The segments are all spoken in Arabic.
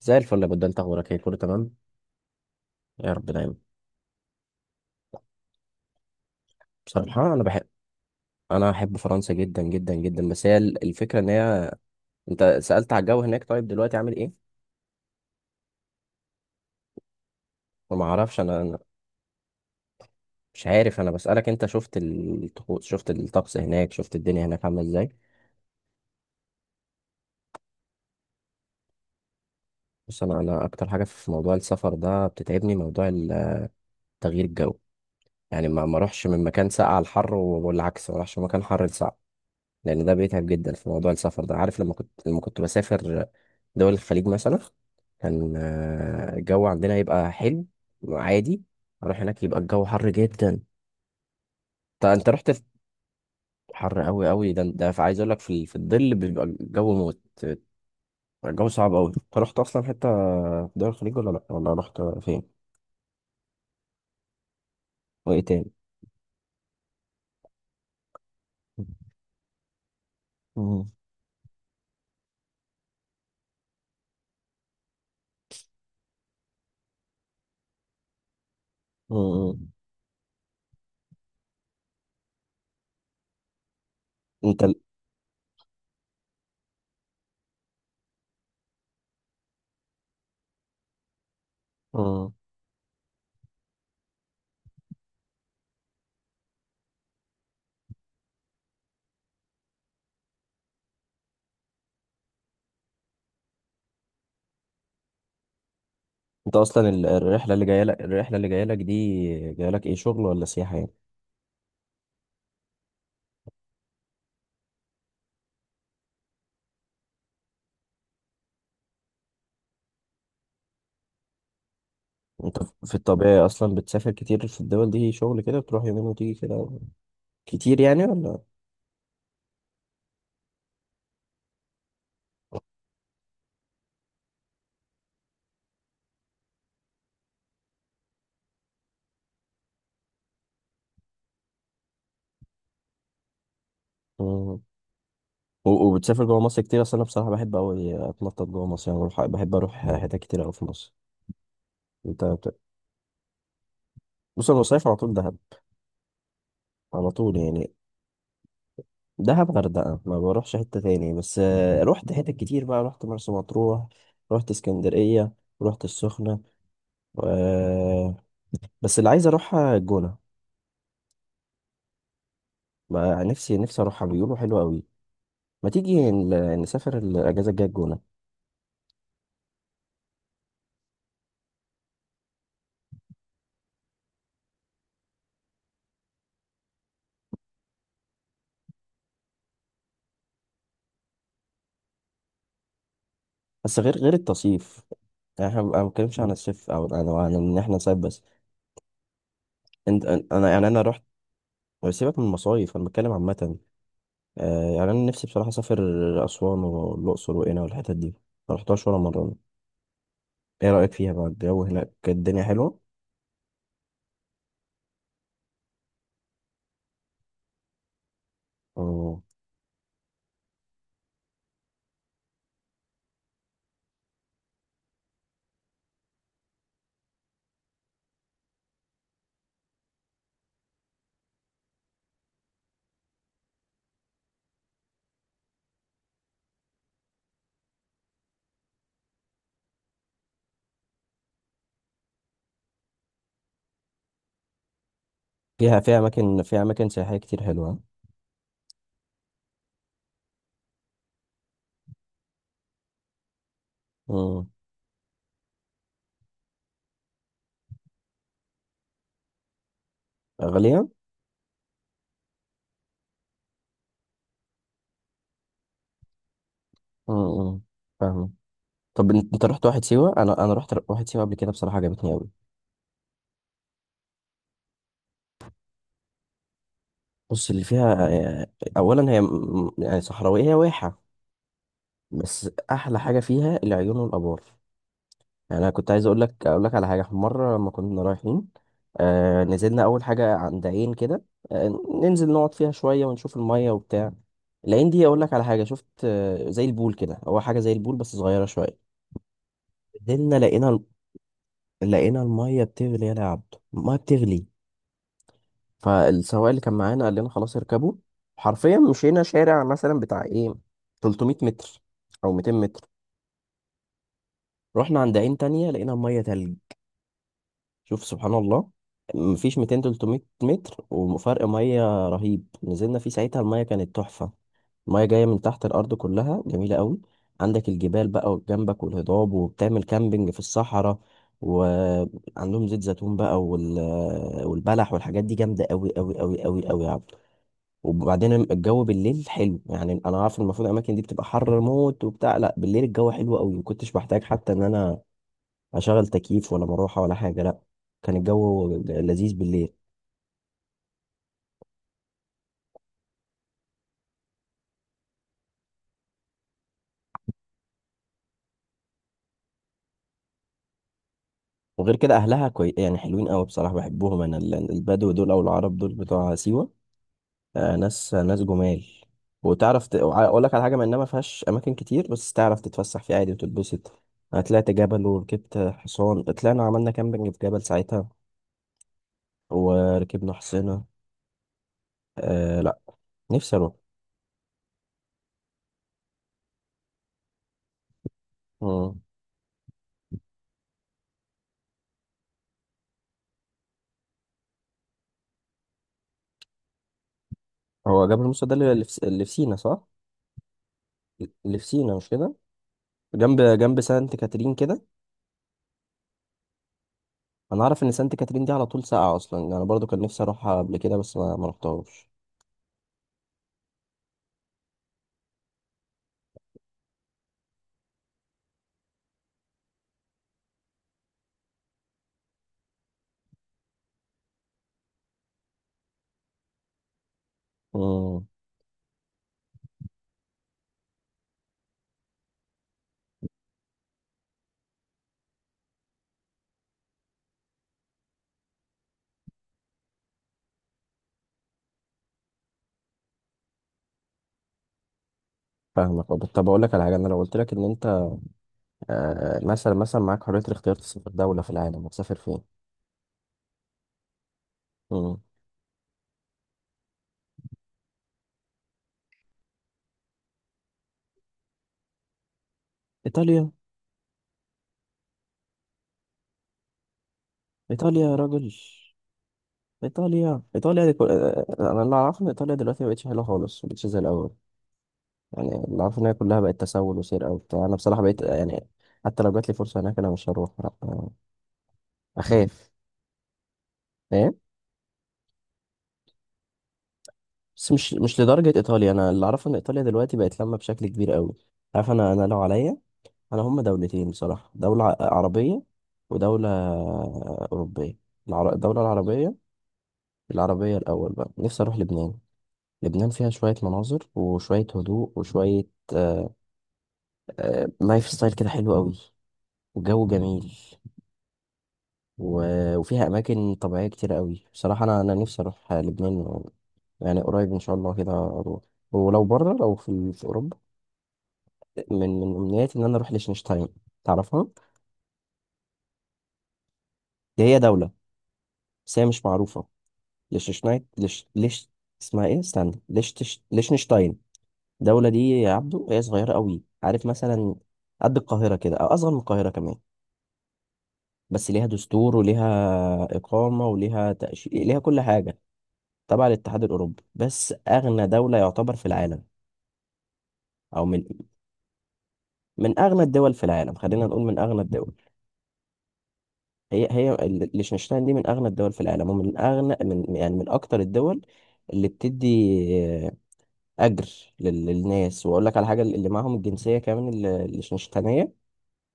زي الفل يا بود، انت اخبارك ايه؟ كله تمام؟ يا رب دايما. بصراحه انا بحب، انا احب فرنسا جدا جدا جدا، بس هي الفكره ان هي... انت سالت على الجو هناك، طيب دلوقتي عامل ايه؟ وما اعرفش، انا مش عارف، انا بسالك انت شفت الطقوس، شفت الطقس هناك، شفت الدنيا هناك عامله ازاي؟ بص، انا اكتر حاجه في موضوع السفر ده بتتعبني، موضوع تغيير الجو. يعني ما اروحش من مكان ساقع لحر، والعكس ما اروحش من مكان حر لساقع، لان ده بيتعب جدا في موضوع السفر ده. عارف لما كنت بسافر دول الخليج مثلا، كان الجو عندنا يبقى حلو عادي، اروح هناك يبقى الجو حر جدا. طب انت رحت في حر قوي قوي ده، عايز اقول لك، في في الظل بيبقى الجو موت، الجو صعب قوي. انت رحت اصلا حته في دول الخليج ولا لا، ولا رحت فين؟ وايه تاني؟ مم. مم. انت ال- مم. انت اصلا الرحله اللي جايه لك، دي جايه لك ايه، شغل ولا سياحه يعني؟ انت في الطبيعي اصلا بتسافر كتير في الدول دي شغل؟ كده بتروح يومين وتيجي كده؟ كتير يعني ولا...؟ مم. وبتسافر جوه مصر كتير اصلا؟ انا بصراحه بحب اوي اتنطط جوه مصر، يعني بروح، بحب اروح حتت كتير اوي في مصر. انت بت... بص انا بصيف على طول دهب، على طول يعني، دهب غردقه ما بروحش حته تاني، بس رحت حتت كتير بقى، رحت مرسى مطروح، رحت اسكندريه، رحت السخنه، و... بس اللي عايز اروحها الجونه بقى، نفسي اروحها، بيقولوا حلوه قوي. ما تيجي نسافر الاجازه الجايه الجونه؟ بس غير التصيف، يعني احنا ما بنتكلمش عن الصيف، او عن ان احنا نصيف بس. انا يعني رحت... سيبك من المصايف، انا بتكلم عامه. يعني انا نفسي بصراحه اسافر اسوان والاقصر وقنا والحتت دي، ما رحتهاش ولا مره. ايه رايك فيها بقى؟ الجو هناك الدنيا حلوه؟ مم. فيها اماكن سياحيه كتير حلوه. مم. غاليه. مم. مم. فاهم. طب انت، رحت واحد سيوه؟ انا رحت واحد سيوه قبل كده، بصراحه عجبتني قوي. بص اللي فيها اولا هي يعني صحراويه، هي واحه. بس احلى حاجه فيها العيون والابار. يعني انا كنت عايز اقول لك على حاجه، مره لما كنا رايحين، نزلنا اول حاجه عند عين كده، آه ننزل نقعد فيها شويه ونشوف الميه وبتاع. العين دي اقول لك على حاجه، شفت زي البول كده، هو حاجه زي البول بس صغيره شويه. نزلنا لقينا لقينا الميه بتغلي يا عبد، الميه بتغلي. فالسواق اللي كان معانا قال لنا: خلاص اركبوا. حرفيا مشينا شارع مثلا بتاع ايه، 300 متر او 200 متر. رحنا عند عين تانية، لقينا مية تلج. شوف سبحان الله. مفيش 200 300 متر، وفرق مية رهيب. نزلنا فيه ساعتها، المية كانت تحفة، المية جاية من تحت الأرض، كلها جميلة قوي. عندك الجبال بقى جنبك والهضاب، وبتعمل كامبينج في الصحراء. وعندهم زيت زيتون بقى، والبلح والحاجات دي جامدة قوي قوي قوي قوي قوي. وبعدين الجو بالليل حلو، يعني انا عارف المفروض الاماكن دي بتبقى حر موت وبتاع، لا، بالليل الجو حلو قوي، ما كنتش بحتاج حتى ان انا اشغل تكييف ولا مروحه ولا حاجه، لا، كان الجو لذيذ بالليل. وغير كده اهلها يعني حلوين قوي، بصراحه بحبهم، انا البدو دول او العرب دول بتوع سيوه، ناس جمال. وتعرف اقول لك على حاجه، ما انها ما فيهاش اماكن كتير، بس تعرف تتفسح فيها عادي وتتبسط. انا طلعت جبل وركبت حصان، طلعنا عملنا كامبينج في جبل ساعتها، وركبنا حصينه. آه، نفسي اروح. مم. هو جبل موسى ده اللي في سينا، صح؟ اللي في سينا، مش كده؟ جنب سانت كاترين كده. انا عارف ان سانت كاترين دي على طول ساقعه اصلا، يعني انا برضو كان نفسي اروحها قبل كده، بس ما رحتهاش. امم فاهمك. طب اقول لك على حاجه، انا لو قلت لك ان انت مثلا، معاك حريه الاختيار تسافر دوله في العالم، هتسافر فين؟ امم ايطاليا؟ ايطاليا يا راجل، ايطاليا دي انا اللي اعرفه ان ايطاليا دلوقتي ما بقتش حلوه خالص، ما بقتش زي الاول. يعني اللي عارفه ان هي كلها بقت تسول وسرقه وبتاع، انا بصراحه بقيت يعني... حتى لو جات لي فرصه هناك انا مش هروح، لأ، آه، اخاف. فاهم. بس مش لدرجه ايطاليا، انا اللي اعرفه ان ايطاليا دلوقتي بقت لما بشكل كبير قوي، عارف. انا لو عليا، انا هم دولتين بصراحه: دوله عربيه ودوله اوروبيه. الدوله العربيه، العربيه الاول بقى نفسي اروح لبنان. لبنان فيها شويه مناظر وشويه هدوء وشويه آه لايف ستايل كده حلو قوي، وجو جميل، وفيها اماكن طبيعيه كتير قوي، بصراحه انا نفسي اروح لبنان، يعني قريب ان شاء الله كده اروح. ولو بره، لو في اوروبا، من امنياتي ان انا اروح لشنشتاين، تعرفها؟ دي هي دوله، بس هي مش معروفه، ليشنشتاين، ليش ليش اسمها ايه، استنى، ليشنشتاين. الدوله دي يا عبدو هي صغيره قوي، عارف، مثلا قد القاهره كده، او اصغر من القاهره كمان. بس ليها دستور وليها اقامه وليها تاشيره، ليها كل حاجه، تبع الاتحاد الاوروبي، بس اغنى دوله يعتبر في العالم، او من اغنى الدول في العالم، خلينا نقول من اغنى الدول. هي هي ليechtenstein دي من اغنى الدول في العالم، ومن اغنى من يعني من اكتر الدول اللي بتدي آه، اجر للناس. واقول لك على حاجه، اللي معاهم الجنسيه كمان، الليechtensteinيه،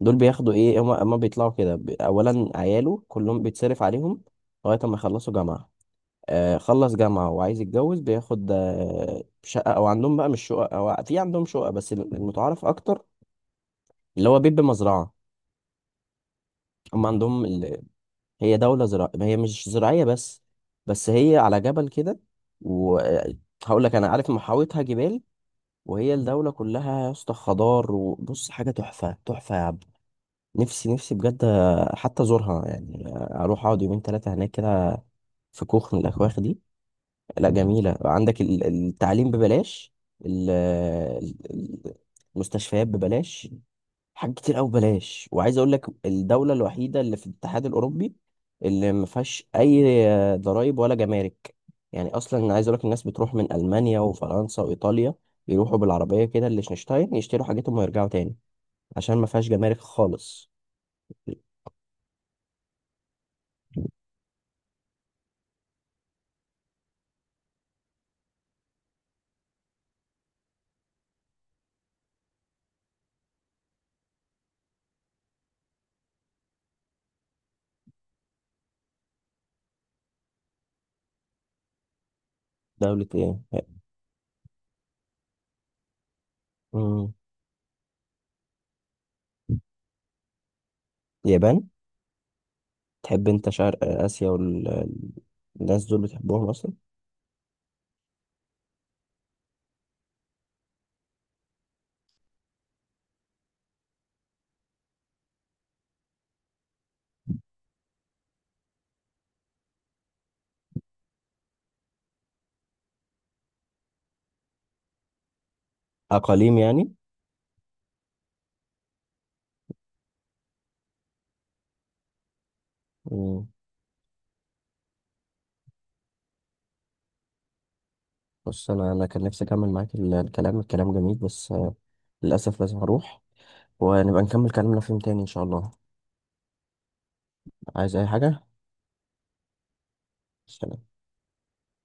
دول بياخدوا ايه، هم بيطلعوا كده اولا عياله كلهم بيتصرف عليهم لغايه ما يخلصوا جامعه. خلص جامعه وعايز يتجوز، بياخد شقه، او عندهم بقى مش شقه، او في عندهم شقه، بس المتعارف اكتر اللي هو بيت بمزرعه. هم عندهم... هي دولة زراعية، هي مش زراعية بس، بس هي على جبل كده، وهقول لك انا عارف محاوطها جبال، وهي الدولة كلها يا اسطى خضار، وبص حاجة تحفة تحفة يا عبد. نفسي بجد حتى ازورها، يعني اروح اقعد يومين ثلاثة هناك كده في كوخ من الاكواخ دي. لا جميلة، عندك التعليم ببلاش، ال- ال- المستشفيات ببلاش، حاجات كتير قوي ببلاش. وعايز اقول لك، الدوله الوحيده اللي في الاتحاد الاوروبي اللي ما فيهاش اي ضرائب ولا جمارك. يعني اصلا عايز اقول لك، الناس بتروح من المانيا وفرنسا وايطاليا، يروحوا بالعربيه كده للشنشتاين، يشتروا حاجتهم ويرجعوا تاني، عشان ما فيهاش جمارك خالص. دوله ايه؟ مم. اليابان؟ تحب انت شرق اسيا والناس دول بتحبهم اصلا. اقاليم يعني؟ مم. بص، انا كان نفسي اكمل معاك الكلام، الكلام جميل، بس للاسف لازم اروح، ونبقى نكمل كلامنا في يوم تاني إن شاء الله. عايز أي حاجة؟ سلام.